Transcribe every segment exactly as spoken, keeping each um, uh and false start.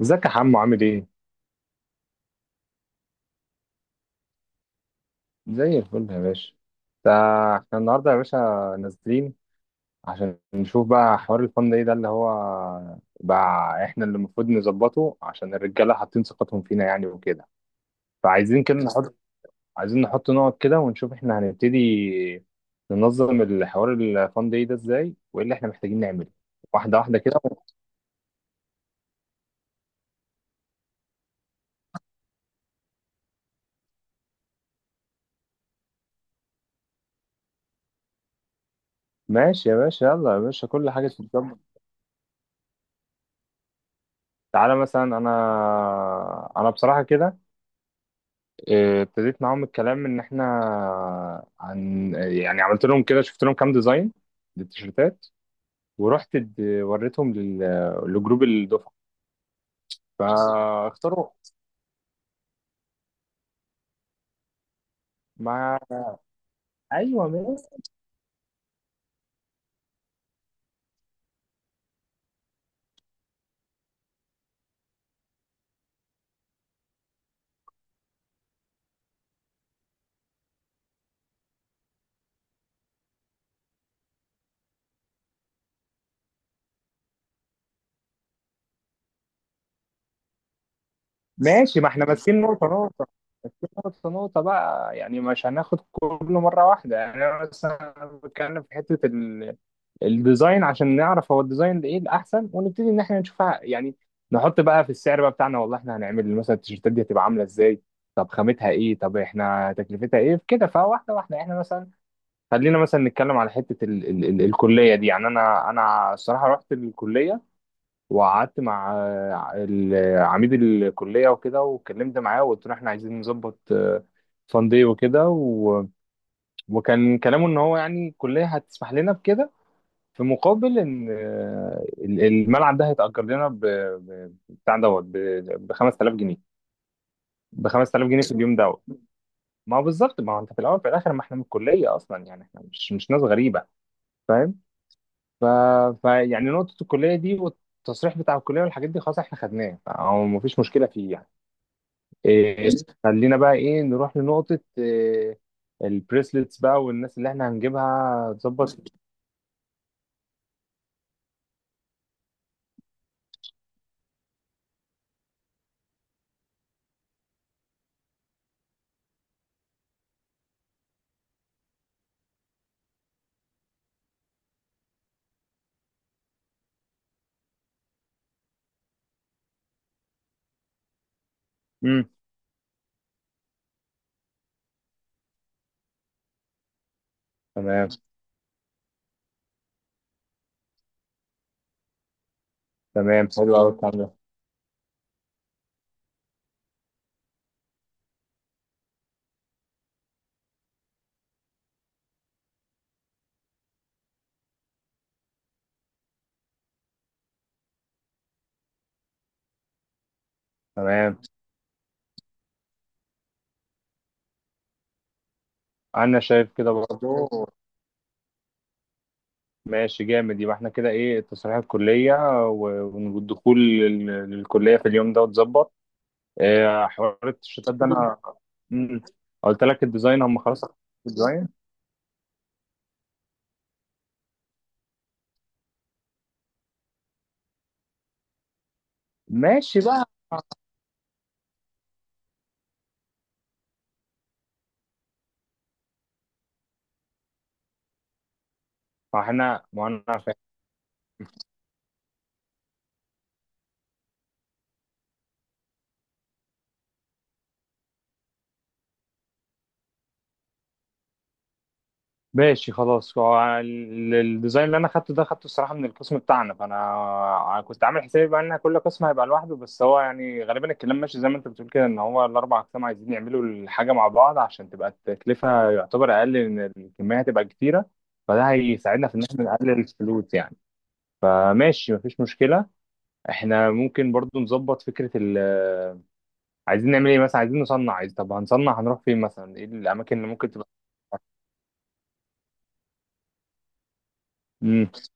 ازيك يا حمو؟ عامل ايه؟ زي الفل يا باشا. تا- احنا النهارده يا باشا نازلين عشان نشوف بقى حوار الفن ايه ده اللي هو بقى. احنا اللي المفروض نظبطه عشان الرجاله حاطين ثقتهم فينا يعني وكده. فعايزين كده نحط، عايزين نحط نقط كده ونشوف احنا هنبتدي ننظم الحوار الفان داي ده ازاي، وايه اللي احنا محتاجين نعمله واحده واحده كده. ماشي يا باشا، يلا يا باشا، كل حاجه تتظبط. تعالى مثلا، انا انا بصراحه كده، آه، ابتديت معاهم الكلام ان احنا، عن يعني عملت لهم كده، شفت لهم كام ديزاين للتيشيرتات، ورحت اد- وريتهم لل- لجروب الدفعه فاختاروا. ما، ايوه ماشي. ماشي، ما احنا ماسكين نقطه نقطه، نقطه نقطه بقى، يعني مش هناخد كله مره واحده. يعني انا مثلا بتكلم في حته الديزاين عشان نعرف هو الديزاين ده ايه الاحسن، ونبتدي ان احنا نشوفها يعني. نحط بقى في السعر بقى بتاعنا، والله احنا هنعمل مثلا التيشيرتات دي هتبقى عامله ازاي، طب خامتها ايه، طب احنا تكلفتها ايه كده. فواحده واحده احنا مثلا خلينا مثلا نتكلم على حته ال ال ال الكليه دي. يعني انا انا الصراحه رحت الكليه، وقعدت مع آه، ال- عميد الكليه وكده، واتكلمت معاه وقلت له احنا عايزين نظبط آه، فان دي وكده و- وكان كلامه ان هو يعني الكليه هتسمح لنا بكده في مقابل ان آه، ال- الملعب ده هيتأجر لنا ب ب- بتاع دوت ب خمسة آلاف جنيه، ب خمسة آلاف جنيه في اليوم دوت. ما هو بالظبط، ما هو انت في الاول في الاخر ما احنا من الكليه اصلا، يعني احنا مش مش ناس غريبه. فاهم؟ ف... ف يعني نقطه الكليه دي والتصريح بتاع الكليه والحاجات دي خلاص احنا خدناه، فهو ما فيش مشكله فيه يعني. إيه، خلينا بقى ايه، نروح لنقطه إيه، البريسلتس بقى والناس اللي احنا هنجيبها تظبط. امم. تمام. تمام، حلو قوي الكلام ده. تمام. انا شايف كده برضه. ماشي جامد. يبقى احنا كده ايه، تصريح الكليه و- والدخول لل- للكليه في اليوم ده واتظبط. اه، حوار التيشيرتات ده انا مم. قلت لك الديزاين هم خلاص. الديزاين. ماشي بقى. ما احنا ما انا ماشي خلاص، هو ال- الديزاين اللي انا خدته ده خدته الصراحه من القسم بتاعنا. فانا كنت عامل حسابي بقى ان كل قسم هيبقى لوحده، بس هو يعني غالبا الكلام ماشي زي ما انت بتقول كده، ان هو الاربع اقسام عايزين يعملوا الحاجه مع بعض عشان تبقى التكلفه يعتبر اقل، ان الكميه هتبقى كتيره، فده هيساعدنا في ان احنا نقلل الفلوس يعني. فماشي، مفيش مشكله. احنا ممكن برضو نظبط فكره ال، عايزين نعمل ايه مثلا، عايزين نصنع، عايز طب هنصنع، هنروح فين مثلا، ايه الاماكن اللي ممكن تبقى.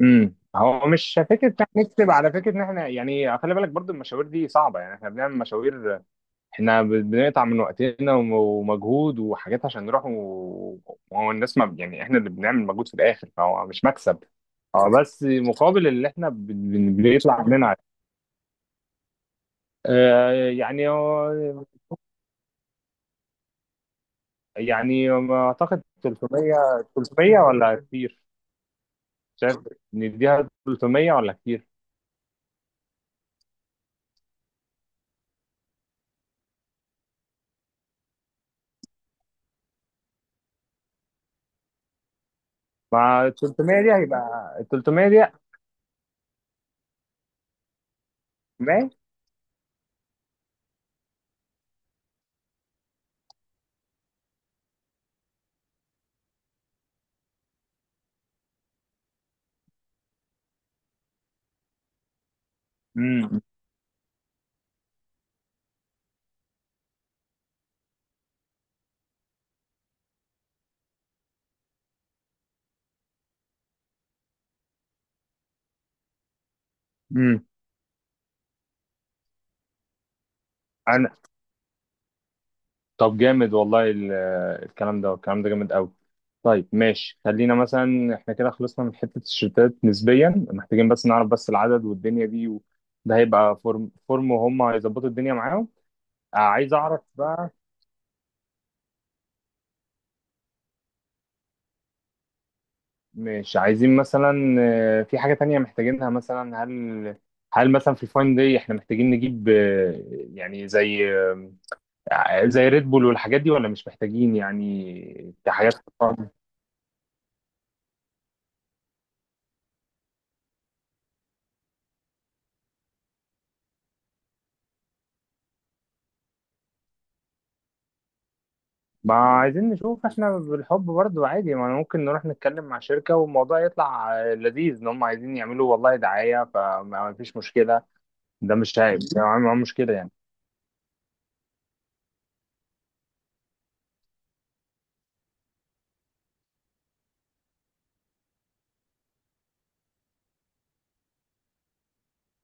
امم، هو مش فكره إن إحنا نكسب، على فكره ان احنا يعني خلي بالك برضو المشاوير دي صعبه، يعني احنا بنعمل مشاوير، احنا ب- بنقطع من وقتنا وم- ومجهود وحاجات عشان نروح و- وهو الناس، ما يعني احنا اللي بنعمل مجهود في الاخر، فهو مش مكسب. اه بس مقابل اللي احنا بن- بن- بيطلع مننا. آه، يعني هو- يعني اعتقد تلتمية. تلتمية ولا كتير؟ شايف، نديها تلتمية ولا كتير؟ مع تلتمية دي هيبقى ثلاثمية دي. ما، امم، انا. طب جامد والله ال- الكلام ده، الكلام ده جامد قوي. طيب ماشي، خلينا مثلا احنا كده خلصنا من حتة الشتات نسبيا، محتاجين بس نعرف بس العدد والدنيا دي و... ده هيبقى فورم فورم وهم هيظبطوا الدنيا معاهم. آه، عايز اعرف بقى، مش عايزين مثلا، آه، في حاجة تانية محتاجينها مثلا، هل هل مثلا في الفاين دي احنا محتاجين نجيب، آه، يعني زي، آه، زي ريد بول والحاجات دي، ولا مش محتاجين يعني كحاجات. ما عايزين نشوف احنا بالحب برضو عادي، ما ممكن نروح نتكلم مع شركة والموضوع يطلع لذيذ ان هم عايزين يعملوا والله دعاية، فما فيش مشكلة. ده مش عيب ده، ما هو مشكلة يعني.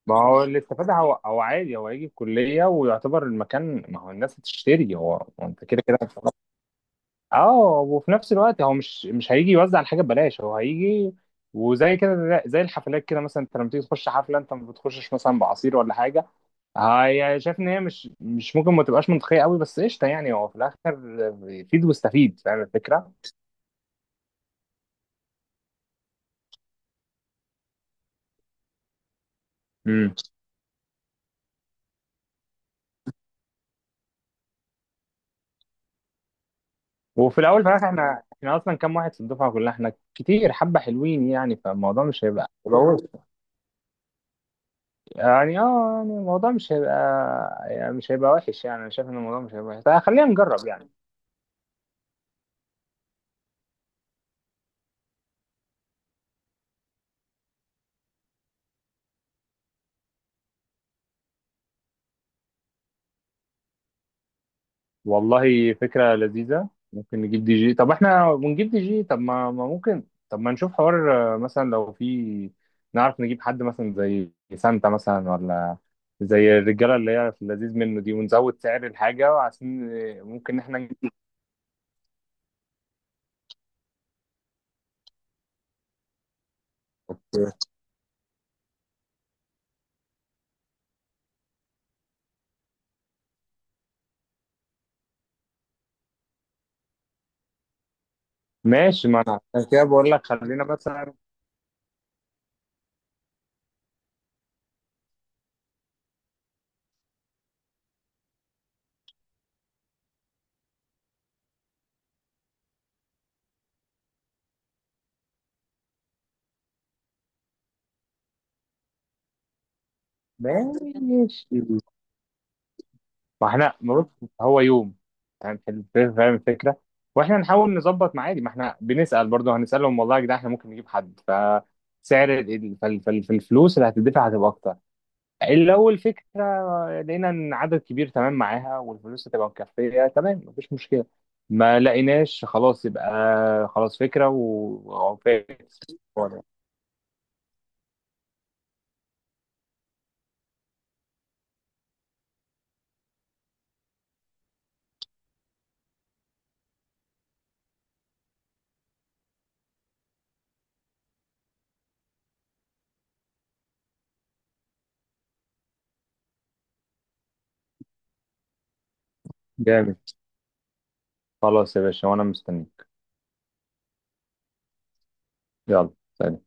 ما هو الاستفادة، هو هو عادي، هو هيجي الكلية ويعتبر المكان، ما هو الناس هتشتري، هو هو انت كده كده هتشتري. اه، وفي نفس الوقت هو مش مش هيجي يوزع الحاجة ببلاش، هو هيجي، وزي كده زي الحفلات كده، مثلا انت لما تيجي تخش حفلة انت ما بتخشش مثلا بعصير ولا حاجة. هاي، شايف ان هي مش مش ممكن، ما تبقاش منطقيه قوي، بس قشطه، يعني هو في الاخر بيفيد ويستفيد، فاهم الفكره؟ امم، وفي الاول في الاخر احنا، احنا اصلا كام واحد في الدفعه كلها، احنا كتير، حبه حلوين يعني، فالموضوع مش هيبقى ملوث. يعني اه، يعني الموضوع مش هيبقى، يعني مش هيبقى وحش، يعني انا شايف ان الموضوع مش هيبقى وحش، طيب خلينا نجرب يعني. والله فكرة لذيذة، ممكن نجيب دي جي، طب احنا بنجيب دي جي، طب ما ما ممكن، طب ما نشوف حوار، آه، مثلا لو في، نعرف نجيب حد مثلا زي سانتا مثلا، ولا زي الرجالة اللي هي في اللذيذ منه دي، ونزود سعر الحاجة عشان، آه، ممكن احنا نجيب. ماشي، ما انا عشان كده بقول لك خلينا مثلا، ماشي، ما احنا ما بص هو يوم، يعني، فاهم الف- فاهم الفكره، واحنا نحاول نظبط مع عادي، ما احنا بنسال برضه، هنسالهم والله يا جدعان احنا ممكن نجيب حد، فسعر ال- فال- فال- فالفلوس اللي هتدفع هتبقى اكتر، لو الفكره لقينا ان عدد كبير تمام معاها والفلوس هتبقى مكفيه تمام، مفيش مشكله. ما لقيناش خلاص يبقى خلاص فكره و، وفاكس. جامد، خلاص يا باشا وانا مستنيك. يلا سلام.